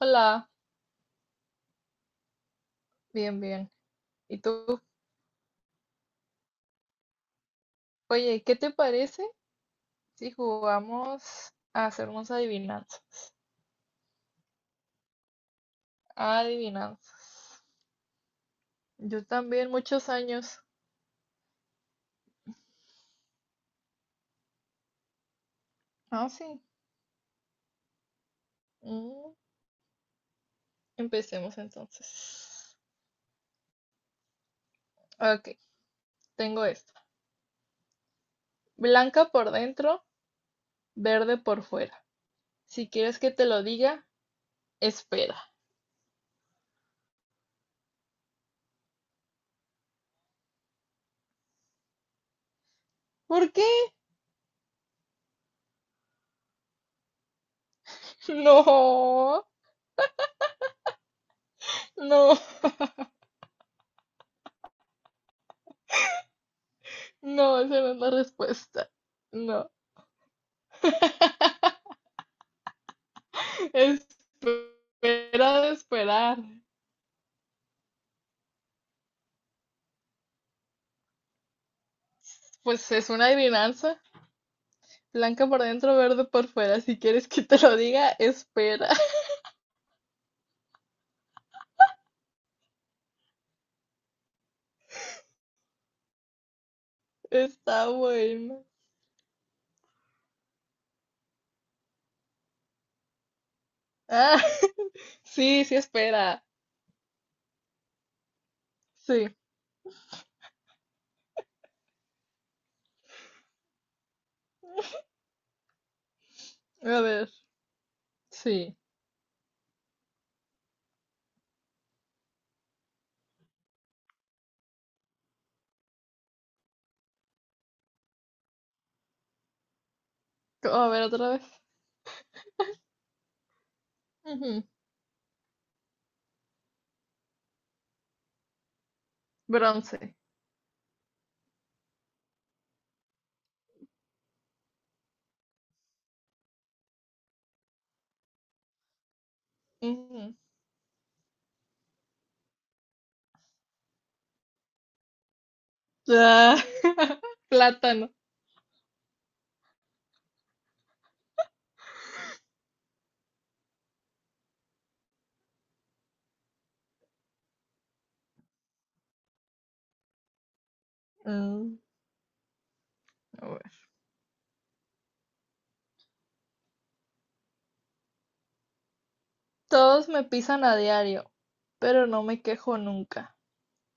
Hola, bien, bien. ¿Y tú? Oye, ¿qué te parece si jugamos a hacer unas adivinanzas? Adivinanzas. Yo también, muchos años. Ah, sí. Mm, empecemos entonces. Ok, tengo esto. Blanca por dentro, verde por fuera. Si quieres que te lo diga, espera. ¿Por qué? No, no, no, esa no es la respuesta. No. Espera de esperar. Pues es una adivinanza. Blanca por dentro, verde por fuera. Si quieres que te lo diga, espera. Está bueno. Ah, sí, sí, espera. Sí, a ver, sí. A ver, otra vez. Ujú, bronce. Ujú. Ah, plátano. Mm, a ver. Todos me pisan a diario, pero no me quejo nunca.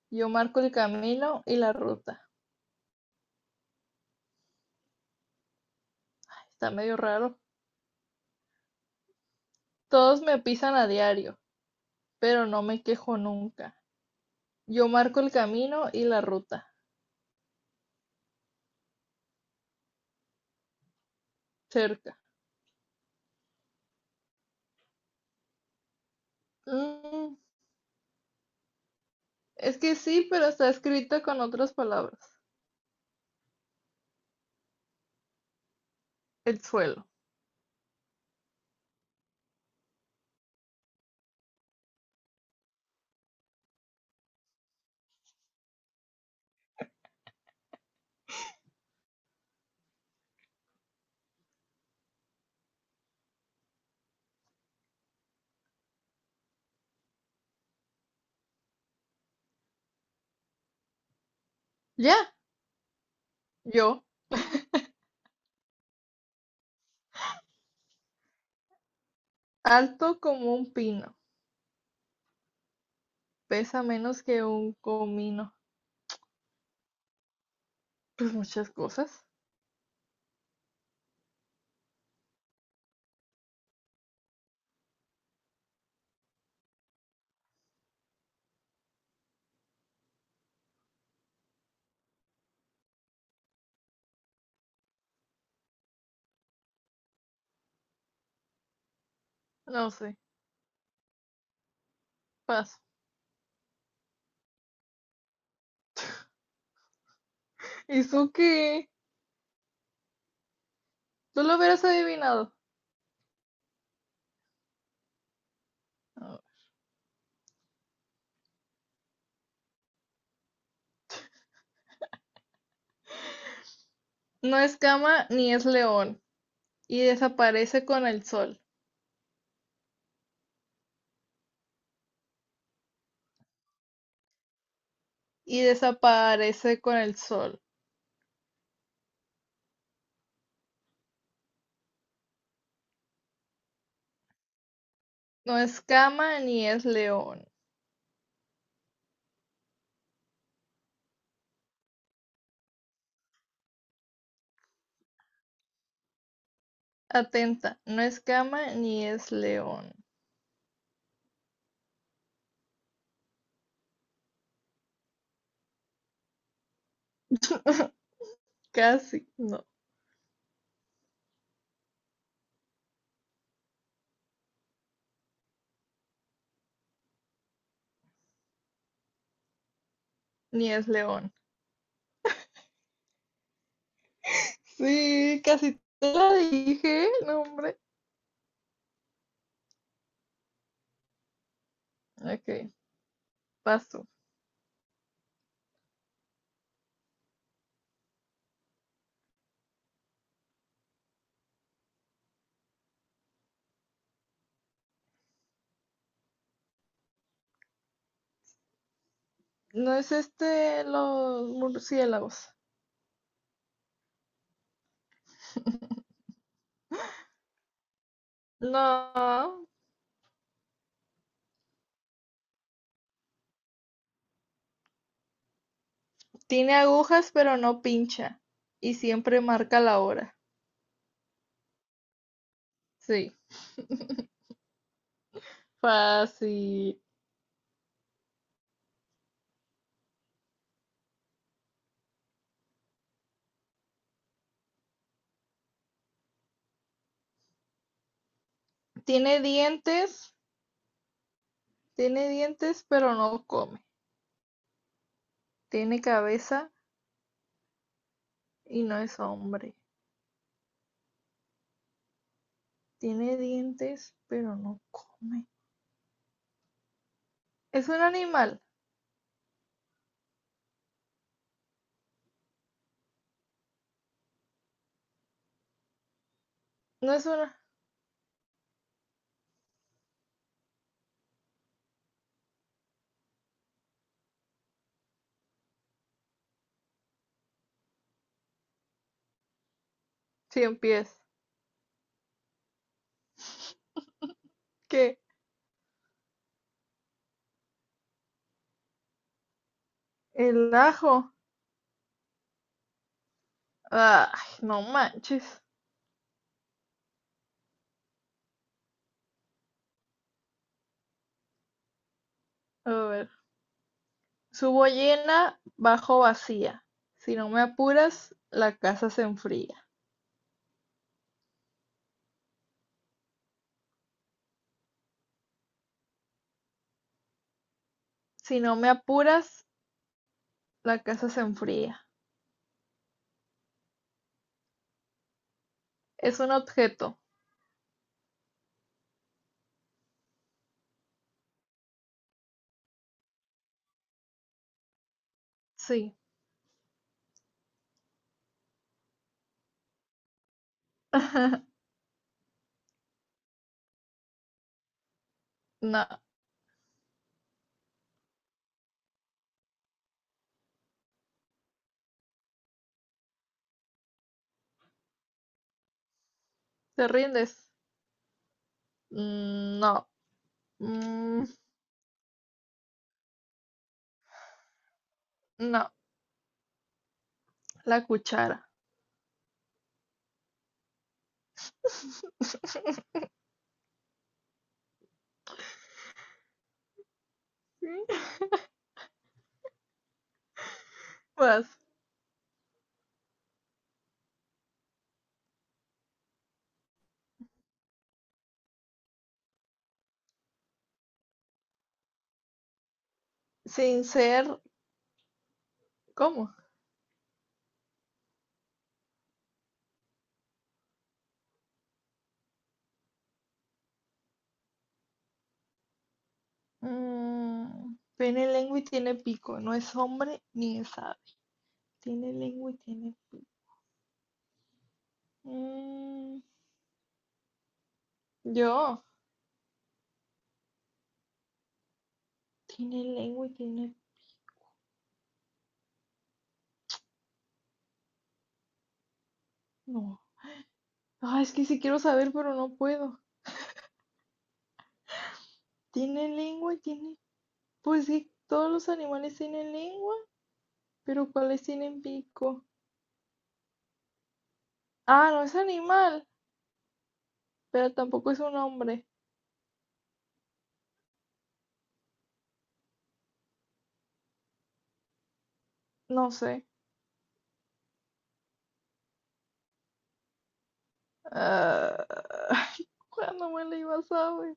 Yo marco el camino y la ruta. Está medio raro. Todos me pisan a diario, pero no me quejo nunca. Yo marco el camino y la ruta, cerca. Mm, es que sí, pero está escrito con otras palabras. El suelo. Ya, yo, alto como un pino, pesa menos que un comino. Pues muchas cosas. No sé, paso. ¿Y su qué? Tú lo hubieras adivinado. No es cama ni es león, y desaparece con el sol, y desaparece con el sol. No es cama ni es león. Atenta, no es cama ni es león. Casi, no, ni es león. Sí, casi te la dije, no, hombre. Ok, paso. No es este los murciélagos. No, tiene agujas pero no pincha y siempre marca la hora. Sí, fácil. Tiene dientes, tiene dientes pero no come. Tiene cabeza y no es hombre. Tiene dientes, pero no come. Es un animal, no es una cien pies. ¿Qué? El ajo. Ay, no manches. A ver. Subo llena, bajo vacía. Si no me apuras, la casa se enfría. Si no me apuras, la casa se enfría. Es un objeto. Sí. No. ¿Te rindes? Mm, no. Mm, no. La cuchara. Vas. Sin ser. ¿Cómo? Mm, tiene lengua y tiene pico. No es hombre ni es ave. Tiene lengua y tiene pico. Mm, yo. Tiene lengua y tiene... No. Ah, es que sí quiero saber, pero no puedo. Tiene lengua y tiene... Pues sí, todos los animales tienen lengua, pero ¿cuáles tienen pico? Ah, no es animal, pero tampoco es un hombre. No sé. Ah, ¿cuándo me la iba a saber?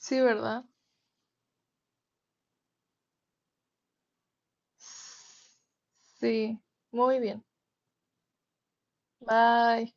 Sí, ¿verdad? Sí, muy bien. Bye.